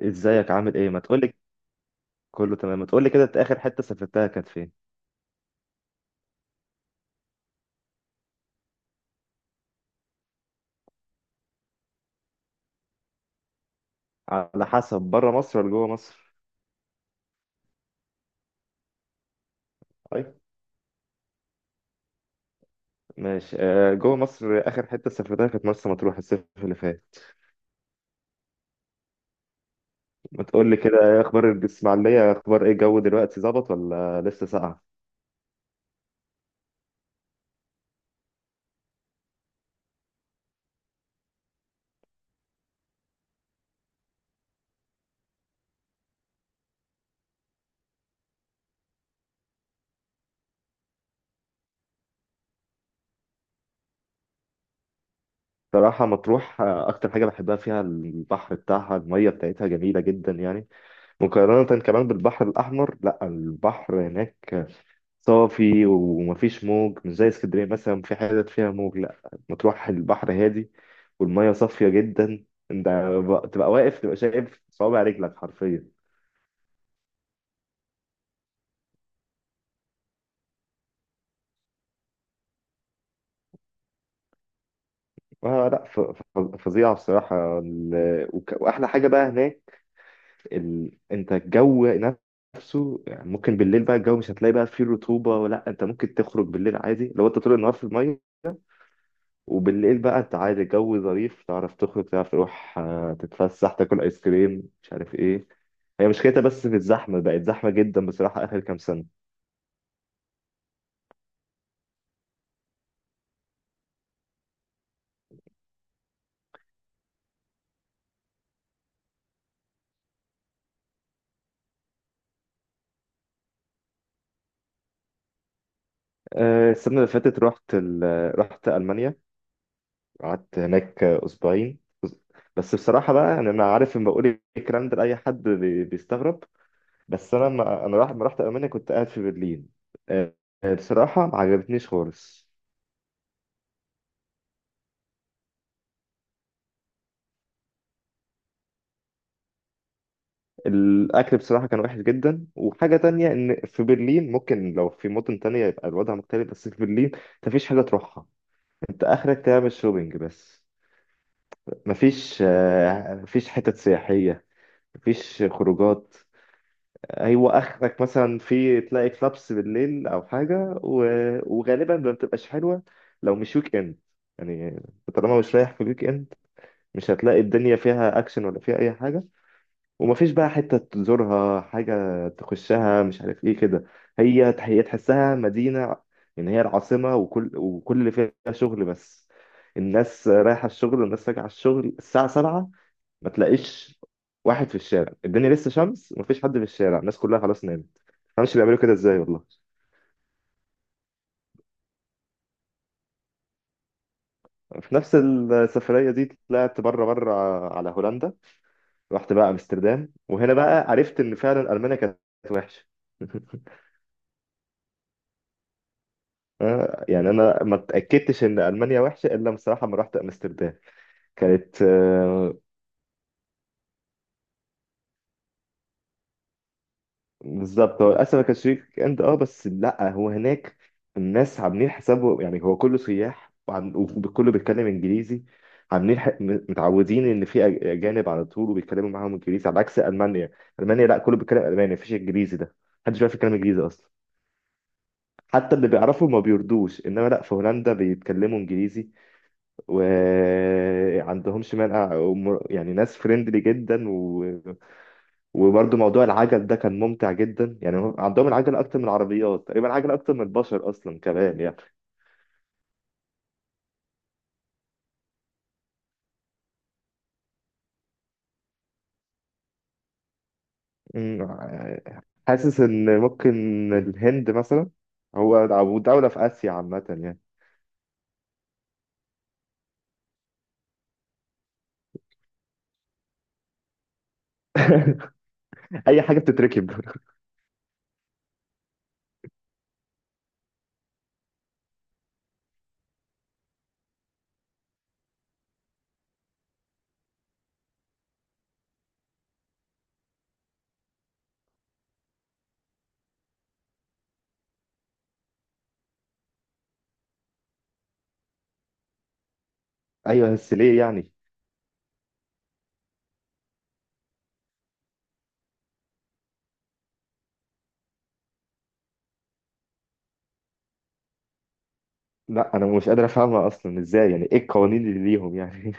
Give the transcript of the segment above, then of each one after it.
ازيك؟ عامل ايه؟ ما تقولي. كله تمام. ما تقولي كده، انت اخر حته سافرتها كانت فين؟ على حسب، بره مصر ولا جوه مصر؟ طيب. ماشي، آه، جوه مصر اخر حته سافرتها كانت مرسى مطروح الصيف اللي فات. ما تقولي كده، ايه اخبار الاسماعيليه؟ اخبار ايه الجو دلوقتي؟ ظبط ولا لسه ساقعه؟ صراحه مطروح، اكتر حاجه بحبها فيها البحر بتاعها، الميه بتاعتها جميله جدا يعني، مقارنه كمان بالبحر الاحمر. لا، البحر هناك صافي ومفيش موج، مش زي اسكندرية مثلا، في حتت فيها موج. لا، مطروح البحر هادي والمية صافية جدا. انت تبقى واقف تبقى شايف صوابع رجلك حرفيا. آه، لا، فظيعة بصراحة. وأحلى حاجة بقى هناك أنت الجو نفسه، يعني ممكن بالليل بقى الجو مش هتلاقي بقى فيه رطوبة، ولا أنت ممكن تخرج بالليل عادي لو أنت طول النهار في المية. وبالليل بقى انت عادي الجو ظريف، تعرف تخرج، تعرف تروح، تتفسح، تاكل ايس كريم، مش عارف ايه. هي مشكلتها بس في الزحمة، بقت زحمة جدا بصراحة آخر كام سنة. السنة اللي فاتت رحت رحت ألمانيا. قعدت هناك أسبوعين. بس بصراحة بقى، يعني أنا عارف لما بقول الكلام ده لأي حد بيستغرب. بس أنا ما... أنا راح... لما رحت ألمانيا كنت قاعد في برلين. آه، بصراحة ما عجبتنيش خالص. الاكل بصراحه كان وحش جدا. وحاجه تانية، ان في برلين، ممكن لو في مدن تانية يبقى الوضع مختلف، بس في برلين انت مفيش حاجه تروحها. انت اخرك تعمل شوبينج بس. مفيش حتت سياحيه، مفيش خروجات. هو اخرك مثلا في، تلاقي كلابس بالليل او حاجه، وغالبا ما بتبقاش حلوه لو مش ويك اند، يعني طالما مش رايح في الويك اند مش هتلاقي الدنيا فيها اكشن ولا فيها اي حاجه. ومفيش بقى حتة تزورها، حاجة تخشها، مش عارف ايه كده. هي، هي تحسها مدينة، يعني هي العاصمة، وكل اللي فيها شغل بس. الناس رايحة الشغل، والناس راجعة الشغل الساعة 7. ما تلاقيش واحد في الشارع، الدنيا لسه شمس ومفيش حد في الشارع، الناس كلها خلاص نامت. ما مش بيعملوا كده، ازاي والله. في نفس السفرية دي طلعت بره بره، على هولندا. رحت بقى امستردام، وهنا بقى عرفت ان فعلا ألمانيا كانت وحشة. يعني انا ما اتاكدتش ان المانيا وحشه الا بصراحه لما رحت امستردام. كانت، بالظبط، هو للاسف ما كانش ويك اند، اه. بس لا، هو هناك الناس عاملين حسابه، يعني هو كله سياح، وكله بيتكلم انجليزي. عاملين، متعودين ان في، اجانب على طول، وبيتكلموا معاهم انجليزي، على عكس المانيا. المانيا لا، كله بيتكلم الماني، مفيش انجليزي ده، محدش بيعرف يتكلم انجليزي اصلا. حتى اللي بيعرفوا ما بيردوش. انما لا، في هولندا بيتكلموا انجليزي وعندهمش مانع، يعني ناس فريندلي جدا. و... وبرضه موضوع العجل ده كان ممتع جدا، يعني هم عندهم العجل اكتر من العربيات تقريبا، العجل اكتر من البشر اصلا كمان يعني. أمم، حاسس ان ممكن الهند مثلا، هو او دولة في اسيا عامة يعني. اي حاجة بتتركب. ايوه، بس ليه يعني؟ لا، انا مش قادر افهمها اصلا. ازاي يعني؟ ايه القوانين اللي ليهم يعني؟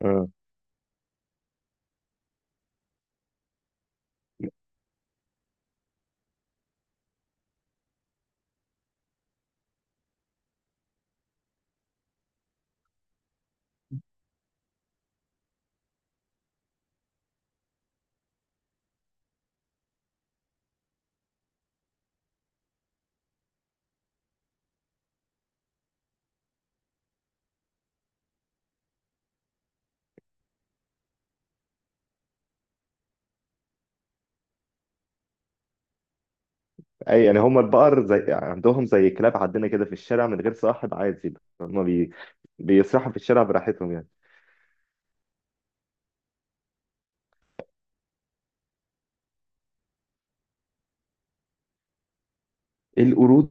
آه. اي يعني، هم البقر زي، عندهم زي كلاب عندنا كده في الشارع من غير صاحب عادي؟ هم بيسرحوا في الشارع براحتهم يعني؟ ايه، القرود؟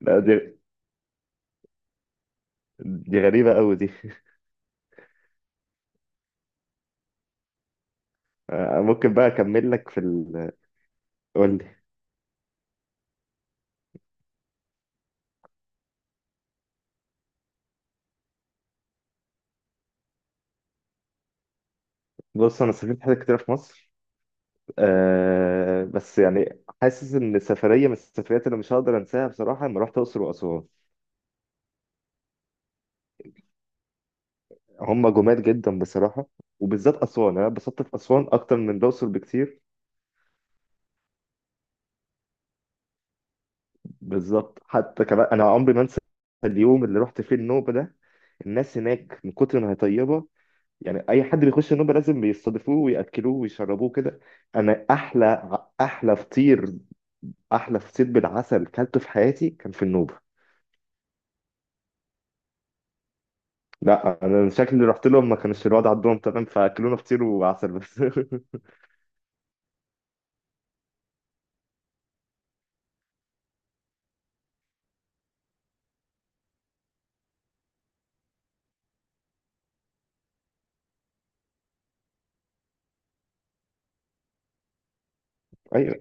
لا، دي غريبة قوي دي. ممكن بقى اكمل لك في قول لي. بص، انا سافرت حاجات كتير في مصر. بس يعني حاسس ان سفرية من السفريات اللي مش هقدر انساها بصراحة، لما رحت الاقصر واسوان. هم جمال جدا بصراحة، وبالذات اسوان. انا اتبسطت في اسوان اكتر من الاقصر بكتير. بالظبط، حتى كمان انا عمري ما انسى اليوم اللي رحت فيه النوبة ده. الناس هناك من كتر ما هي طيبه، يعني اي حد بيخش النوبه لازم بيستضيفوه وياكلوه ويشربوه كده. انا احلى فطير بالعسل كلته في حياتي كان في النوبه. لا انا شكلي رحت لهم ما كانش الوضع عندهم تمام، فاكلونا فطير وعسل بس. ايوه،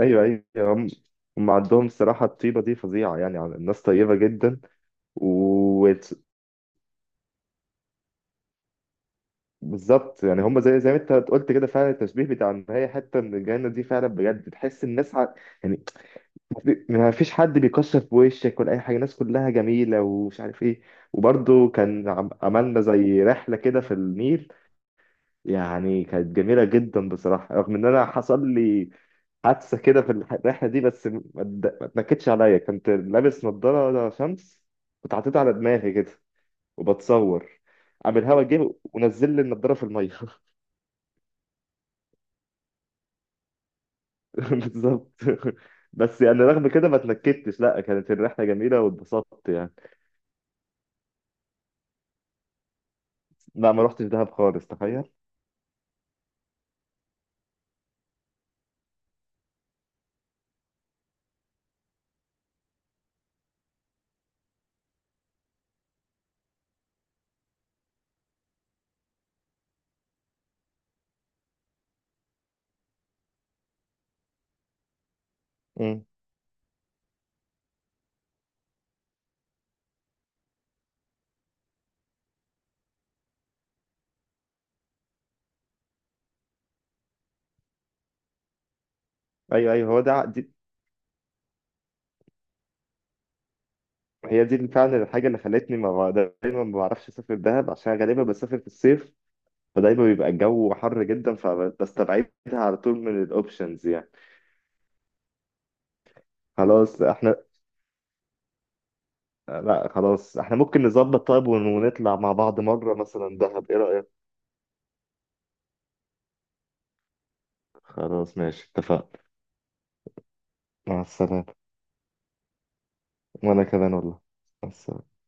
ايوه، ايوه، هم عندهم الصراحه الطيبه دي فظيعه، يعني يعني الناس طيبه جدا. وبالظبط يعني، هم زي ما انت قلت كده فعلا، التشبيه بتاع ان هي حته من الجنه دي، فعلا بجد تحس الناس، ع... يعني ما فيش حد بيكسر في وشك ولا اي حاجه، الناس كلها جميله ومش عارف ايه. وبرضه كان، عملنا زي رحله كده في النيل، يعني كانت جميله جدا بصراحه، رغم ان انا حصل لي حادثه كده في الرحله دي، بس ما اتنكدش عليا. كنت لابس نضاره شمس، كنت حاططها على دماغي كده، وبتصور، قام الهوا جه ونزل لي النضاره في الميه. بالظبط. بس يعني رغم كده ما اتنكدتش، لا كانت الرحله جميله واتبسطت يعني. لا، ما رحتش دهب خالص، تخيل. امم. ايوه، ايوه، هو ده، دي، هي دي فعلا الحاجه اللي خلتني ما، دايما ما بعرفش اسافر دهب عشان غالبا بسافر في الصيف، فدايما بيبقى الجو حر جدا فبستبعدها على طول من الاوبشنز يعني. خلاص احنا، لا خلاص، احنا ممكن نظبط طيب، ونطلع مع بعض مره مثلا دهب، ايه رايك؟ خلاص ماشي، اتفقنا. مع السلامه. وانا كمان والله. مع السلامه.